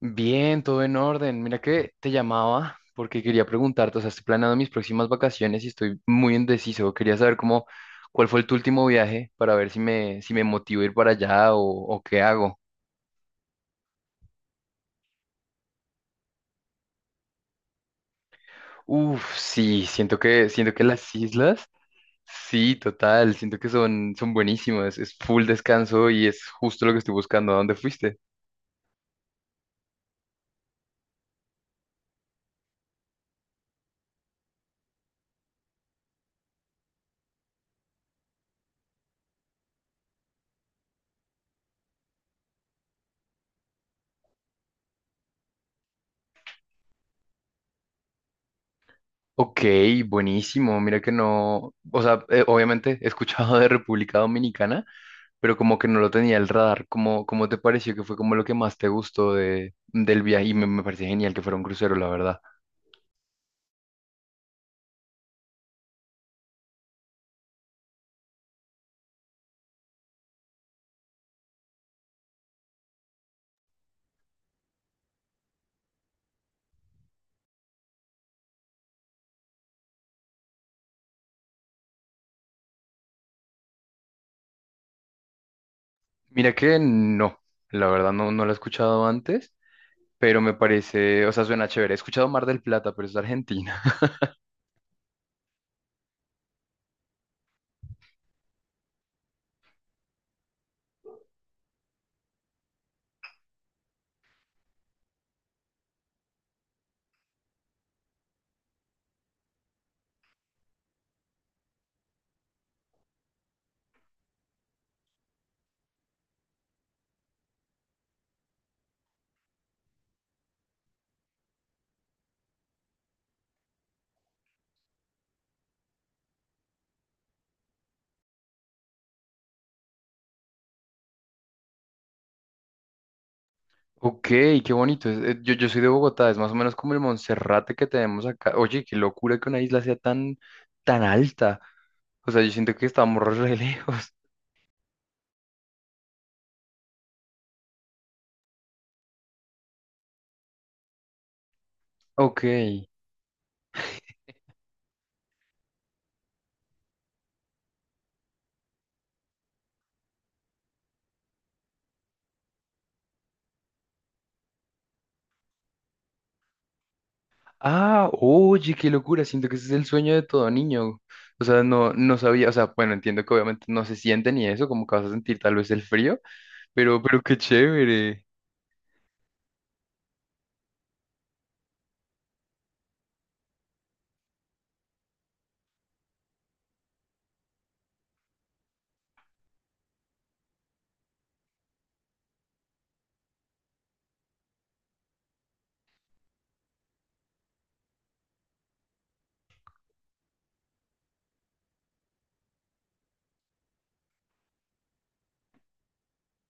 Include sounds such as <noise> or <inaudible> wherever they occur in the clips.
Bien, todo en orden. Mira que te llamaba porque quería preguntarte, o sea, estoy planeando mis próximas vacaciones y estoy muy indeciso. Quería saber cómo, cuál fue el tu último viaje para ver si me motivo a ir para allá o qué hago. Uf, sí, siento que las islas, sí, total, siento que son buenísimas. Es full descanso y es justo lo que estoy buscando. ¿A dónde fuiste? Ok, buenísimo. Mira que no, o sea, obviamente he escuchado de República Dominicana, pero como que no lo tenía el radar. ¿Cómo te pareció que fue como lo que más te gustó de, del viaje? Y me parece genial que fuera un crucero, la verdad. Mira que no, la verdad no, no lo he escuchado antes, pero me parece, o sea, suena chévere. He escuchado Mar del Plata, pero es de Argentina. <laughs> Ok, qué bonito. Yo, yo soy de Bogotá, es más o menos como el Monserrate que tenemos acá. Oye, qué locura que una isla sea tan alta. O sea, yo siento que estamos re <laughs> lejos. Ok. Ah, oye, qué locura, siento que ese es el sueño de todo niño. O sea, no, no sabía, o sea, bueno, entiendo que obviamente no se siente ni eso, como que vas a sentir tal vez el frío, pero qué chévere.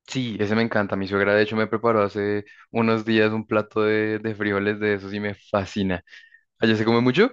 Sí, ese me encanta. Mi suegra, de hecho, me preparó hace unos días un plato de frijoles de esos y me fascina. ¿Allá se come mucho?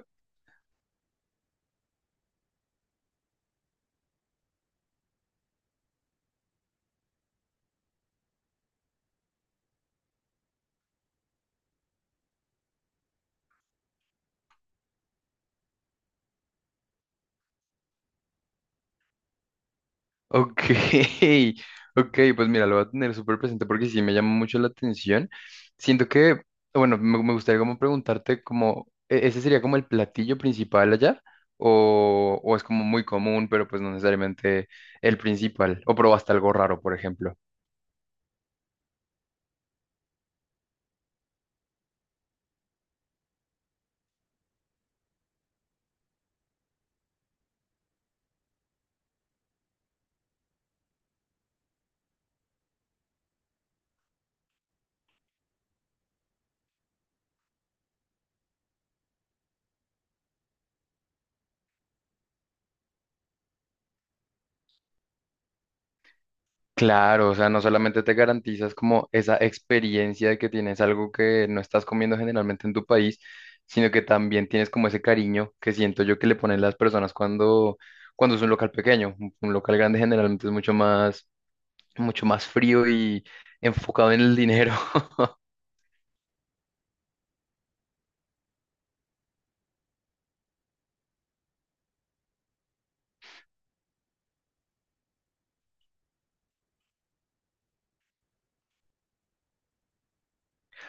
Ok, <laughs> ok, pues mira, lo voy a tener súper presente porque sí me llama mucho la atención. Siento que, bueno, me gustaría como preguntarte como, ¿ese sería como el platillo principal allá? O es como muy común, pero pues no necesariamente el principal? ¿O probaste algo raro, por ejemplo? Claro, o sea, no solamente te garantizas como esa experiencia de que tienes algo que no estás comiendo generalmente en tu país, sino que también tienes como ese cariño que siento yo que le ponen las personas cuando es un local pequeño. Un local grande generalmente es mucho más frío y enfocado en el dinero.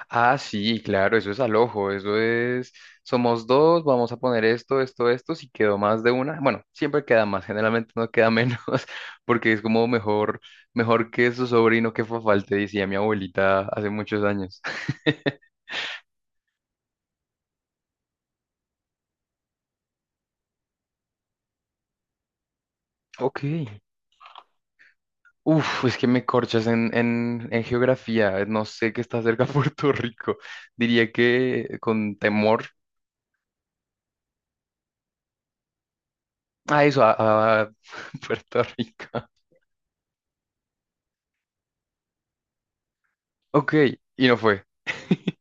Ah, sí, claro, eso es al ojo, eso es, somos dos, vamos a poner esto, esto, esto, si quedó más de una, bueno, siempre queda más, generalmente no queda menos, <laughs> porque es como mejor que su sobrino que fue falte, decía mi abuelita hace muchos años. <laughs> Ok. Uf, es que me corchas en, en geografía, no sé qué está cerca <laughs> de Puerto Rico, diría que con temor a eso, a <laughs> Puerto Rico. Ok, y no fue. <laughs>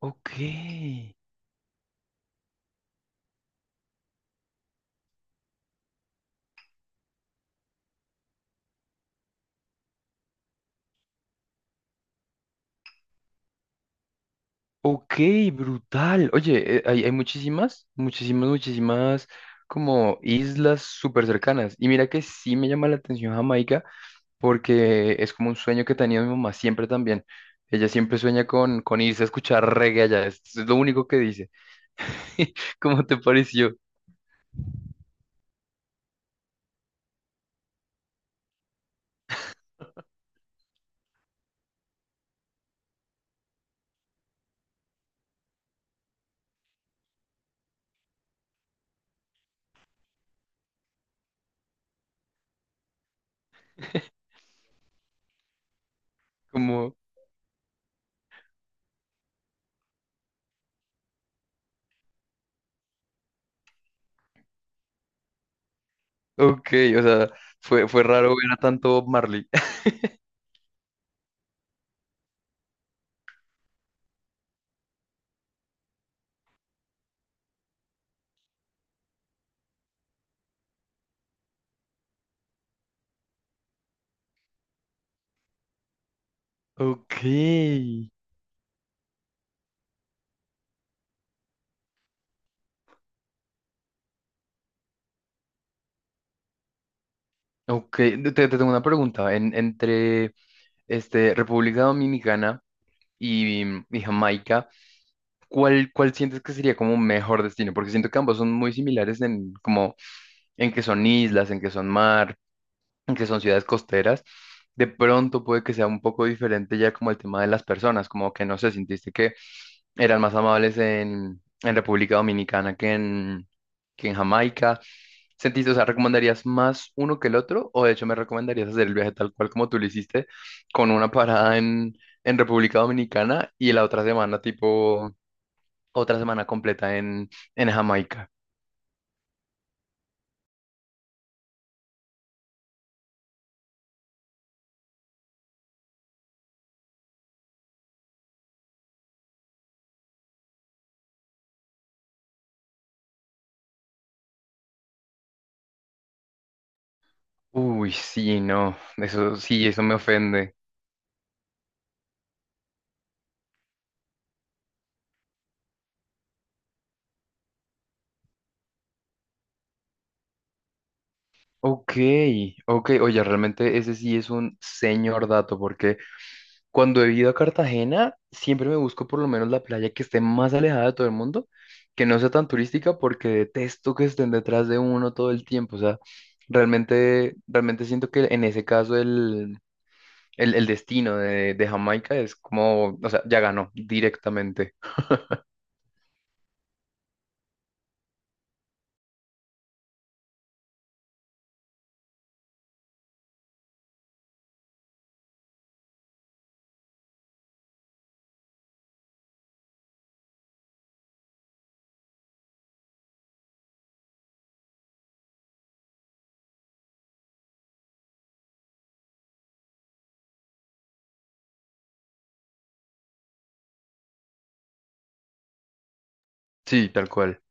Ok. Ok, brutal. Oye, hay muchísimas, muchísimas, muchísimas como islas súper cercanas. Y mira que sí me llama la atención Jamaica porque es como un sueño que tenía mi mamá siempre también. Ella siempre sueña con irse a escuchar reggae allá. Es lo único que dice. <laughs> ¿Cómo te pareció? Como, ok, o sea, fue raro ver a tanto Bob Marley. <laughs> Ok, ok. Te tengo una pregunta. Entre este, República Dominicana y, y Jamaica, ¿cuál sientes que sería como un mejor destino? Porque siento que ambos son muy similares en como en que son islas, en que son mar, en que son ciudades costeras. De pronto puede que sea un poco diferente ya como el tema de las personas, como que no sé, sintiste que eran más amables en República Dominicana que en Jamaica. ¿Sentiste, o sea, recomendarías más uno que el otro? ¿O de hecho me recomendarías hacer el viaje tal cual como tú lo hiciste, con una parada en República Dominicana y la otra semana, tipo, otra semana completa en Jamaica? Uy, sí, no, eso sí, eso me ofende. Ok, ok, oye, realmente ese sí es un señor dato, porque cuando he ido a Cartagena, siempre me busco por lo menos la playa que esté más alejada de todo el mundo, que no sea tan turística, porque detesto que estén detrás de uno todo el tiempo. O sea, realmente siento que en ese caso el destino de Jamaica es como, o sea, ya ganó directamente. Sí, tal cual.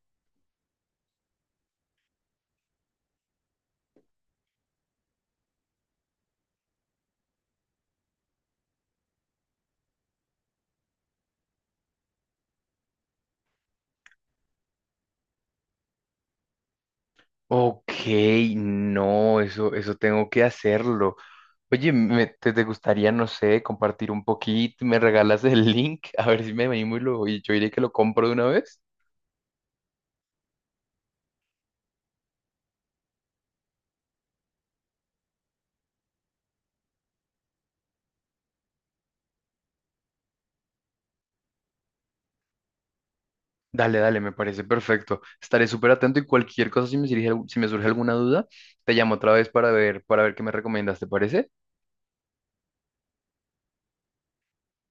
Ok, no, eso tengo que hacerlo. Oye, te, te gustaría, no sé, ¿compartir un poquito? ¿Me regalas el <laughs> link? A ver si me animo y yo iré que lo compro de una vez. Dale, dale, me parece perfecto. Estaré súper atento y cualquier cosa, si me surge, si me surge alguna duda, te llamo otra vez para ver qué me recomiendas, ¿te parece?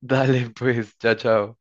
<laughs> Dale, pues, chao, chao.